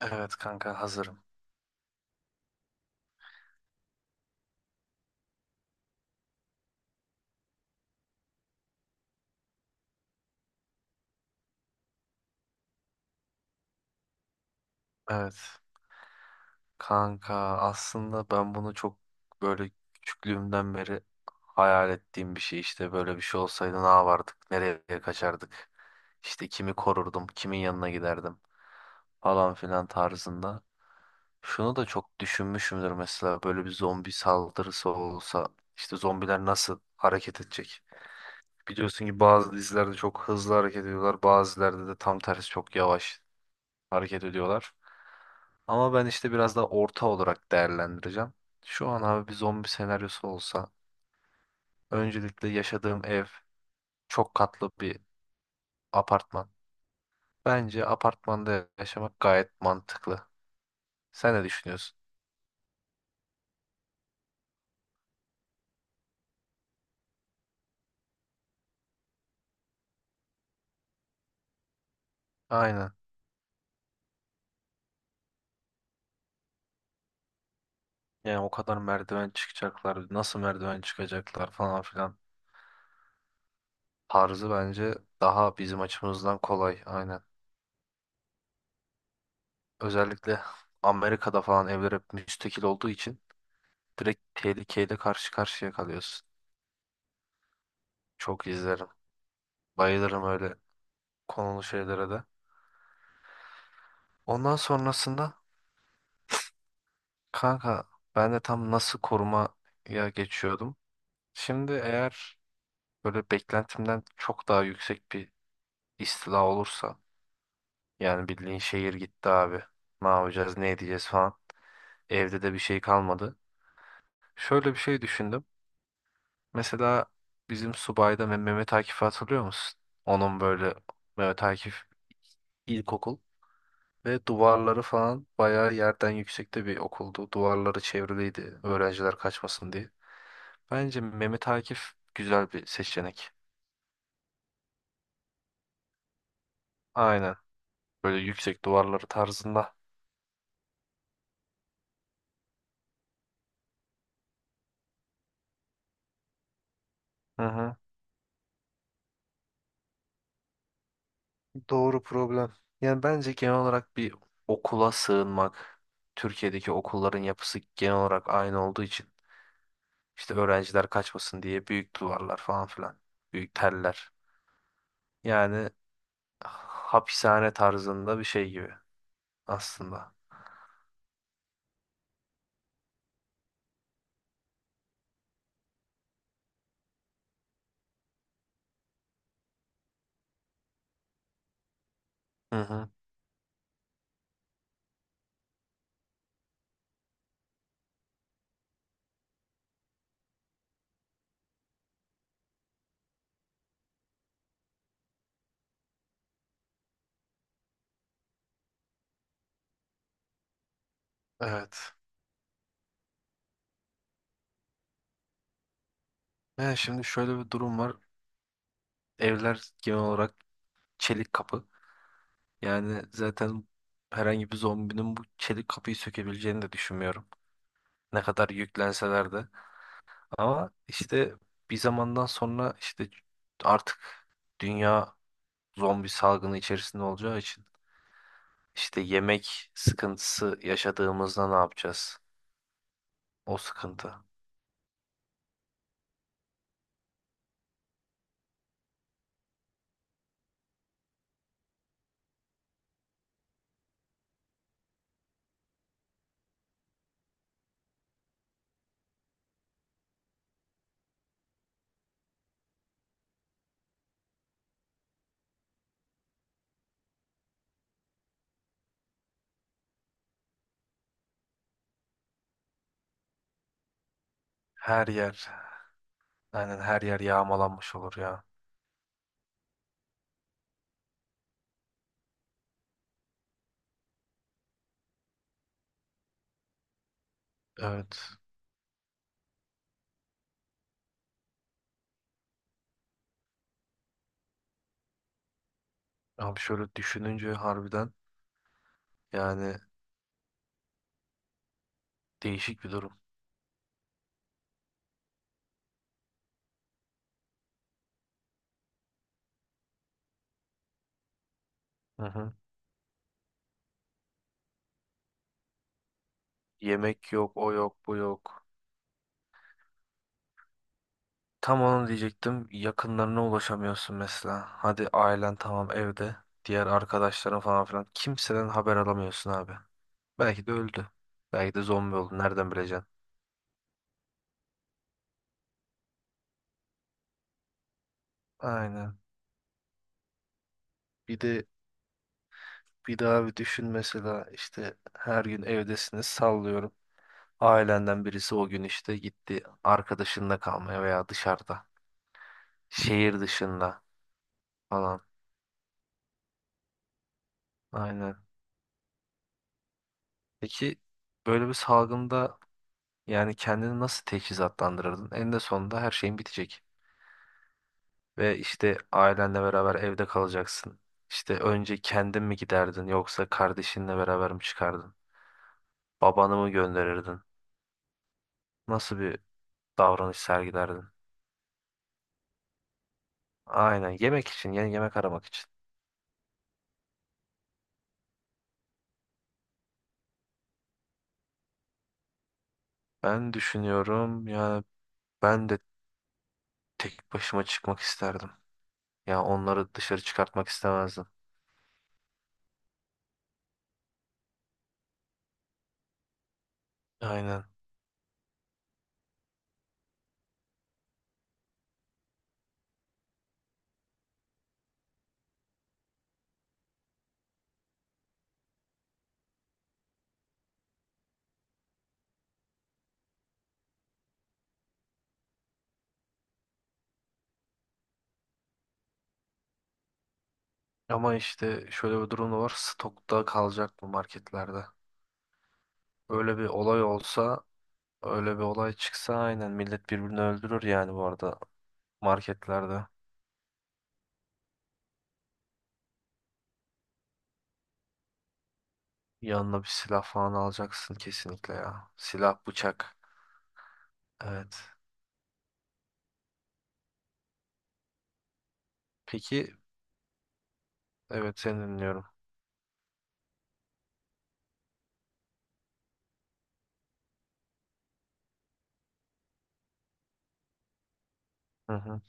Evet kanka hazırım. Evet. Kanka aslında ben bunu çok böyle küçüklüğümden beri hayal ettiğim bir şey, işte böyle bir şey olsaydı ne yapardık, nereye kaçardık, işte kimi korurdum, kimin yanına giderdim falan filan tarzında. Şunu da çok düşünmüşümdür, mesela böyle bir zombi saldırısı olsa işte zombiler nasıl hareket edecek? Biliyorsun ki bazı dizilerde çok hızlı hareket ediyorlar, bazılarda da tam tersi çok yavaş hareket ediyorlar. Ama ben işte biraz daha orta olarak değerlendireceğim. Şu an abi bir zombi senaryosu olsa öncelikle yaşadığım ev çok katlı bir apartman. Bence apartmanda yaşamak gayet mantıklı. Sen ne düşünüyorsun? Aynen. Yani o kadar merdiven çıkacaklar, nasıl merdiven çıkacaklar falan filan. Tarzı bence daha bizim açımızdan kolay. Aynen. Özellikle Amerika'da falan evler hep müstakil olduğu için direkt tehlikeyle karşı karşıya kalıyorsun. Çok izlerim. Bayılırım öyle konulu şeylere de. Ondan sonrasında kanka ben de tam nasıl korumaya geçiyordum. Şimdi eğer böyle beklentimden çok daha yüksek bir istila olursa yani bildiğin şehir gitti abi. Ne yapacağız, ne edeceğiz falan. Evde de bir şey kalmadı. Şöyle bir şey düşündüm. Mesela bizim subayda Mehmet Akif'i hatırlıyor musun? Onun böyle Mehmet Akif ilkokul. Ve duvarları falan bayağı yerden yüksekte bir okuldu. Duvarları çevriliydi öğrenciler kaçmasın diye. Bence Mehmet Akif güzel bir seçenek. Aynen. Böyle yüksek duvarları tarzında. Hı hı. Doğru problem. Yani bence genel olarak bir okula sığınmak. Türkiye'deki okulların yapısı genel olarak aynı olduğu için işte öğrenciler kaçmasın diye büyük duvarlar falan filan. Büyük teller. Yani hapishane tarzında bir şey gibi aslında. Hı hı. Evet. Yani şimdi şöyle bir durum var. Evler genel olarak çelik kapı. Yani zaten herhangi bir zombinin bu çelik kapıyı sökebileceğini de düşünmüyorum. Ne kadar yüklenseler de. Ama işte bir zamandan sonra işte artık dünya zombi salgını içerisinde olacağı için işte yemek sıkıntısı yaşadığımızda ne yapacağız? O sıkıntı. Her yer, aynen her yer yağmalanmış olur ya. Evet. Abi şöyle düşününce harbiden yani değişik bir durum. Hı hı. Yemek yok, o yok, bu yok. Tam onu diyecektim. Yakınlarına ulaşamıyorsun mesela. Hadi ailen tamam evde. Diğer arkadaşların falan filan. Kimseden haber alamıyorsun abi. Belki de öldü. Belki de zombi oldu. Nereden bileceksin? Aynen. Bir de bir daha bir düşün, mesela işte her gün evdesiniz sallıyorum. Ailenden birisi o gün işte gitti arkadaşında kalmaya veya dışarıda. Şehir dışında falan. Aynen. Peki böyle bir salgında yani kendini nasıl teçhizatlandırırdın? En de sonunda her şeyin bitecek. Ve işte ailenle beraber evde kalacaksın. İşte önce kendin mi giderdin yoksa kardeşinle beraber mi çıkardın? Babanı mı gönderirdin? Nasıl bir davranış sergilerdin? Aynen, yemek için, yeni yemek aramak için. Ben düşünüyorum yani ben de tek başıma çıkmak isterdim. Ya onları dışarı çıkartmak istemezdim. Aynen. Ama işte şöyle bir durum da var. Stokta kalacak bu marketlerde. Öyle bir olay olsa, öyle bir olay çıksa aynen millet birbirini öldürür yani bu arada marketlerde. Yanına bir silah falan alacaksın kesinlikle ya. Silah, bıçak. Evet. Peki, evet, seni dinliyorum. Hı hı.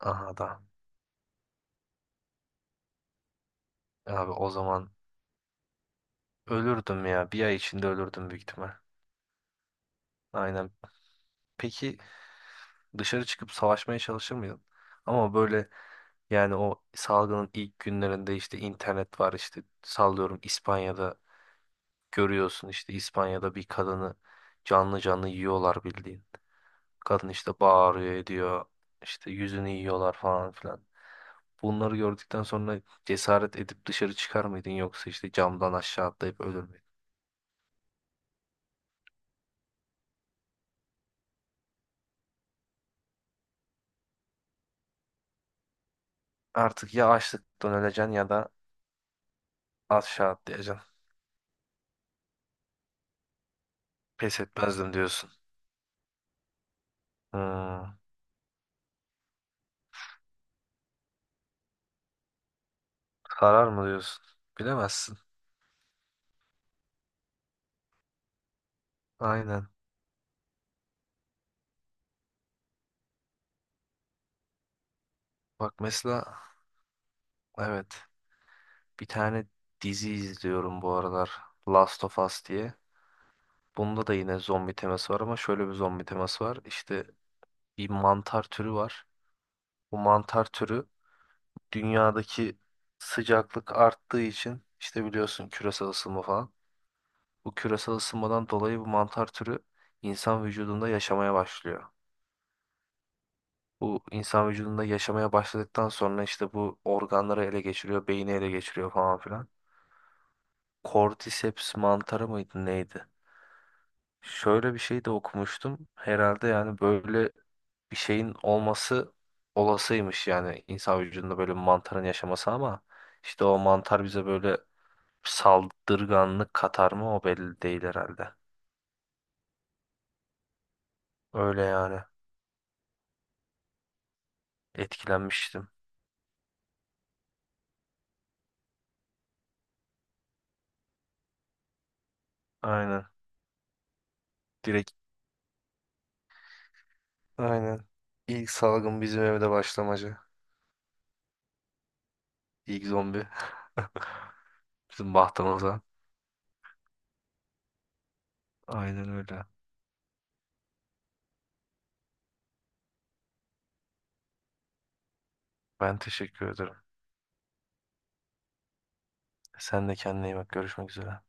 Aha da. Abi o zaman ölürdüm ya. Bir ay içinde ölürdüm büyük ihtimal. Aynen. Peki dışarı çıkıp savaşmaya çalışır mıydın? Ama böyle, yani o salgının ilk günlerinde işte internet var, işte sallıyorum İspanya'da, görüyorsun işte İspanya'da bir kadını canlı canlı yiyorlar bildiğin. Kadın işte bağırıyor ediyor. İşte yüzünü yiyorlar falan filan. Bunları gördükten sonra cesaret edip dışarı çıkar mıydın yoksa işte camdan aşağı atlayıp ölür müydün? Artık ya açlıktan öleceksin ya da aşağı atlayacaksın. Pes etmezdim diyorsun. Hmm. Karar mı diyorsun? Bilemezsin. Aynen. Bak mesela, evet, bir tane dizi izliyorum bu aralar. Last of Us diye. Bunda da yine zombi teması var ama şöyle bir zombi teması var. İşte bir mantar türü var. Bu mantar türü dünyadaki sıcaklık arttığı için, işte biliyorsun, küresel ısınma falan. Bu küresel ısınmadan dolayı bu mantar türü insan vücudunda yaşamaya başlıyor. Bu insan vücudunda yaşamaya başladıktan sonra işte bu organları ele geçiriyor, beyni ele geçiriyor falan filan. Cordyceps mantarı mıydı neydi? Şöyle bir şey de okumuştum. Herhalde yani böyle bir şeyin olması olasıymış, yani insan vücudunda böyle bir mantarın yaşaması, ama işte o mantar bize böyle saldırganlık katar mı o belli değil herhalde. Öyle yani, etkilenmiştim. Aynen. Direkt aynen. İlk salgın bizim evde başlamacı. İlk zombi bizim bahtamıza. Aynen öyle. Ben teşekkür ederim. Sen de kendine iyi bak. Görüşmek üzere.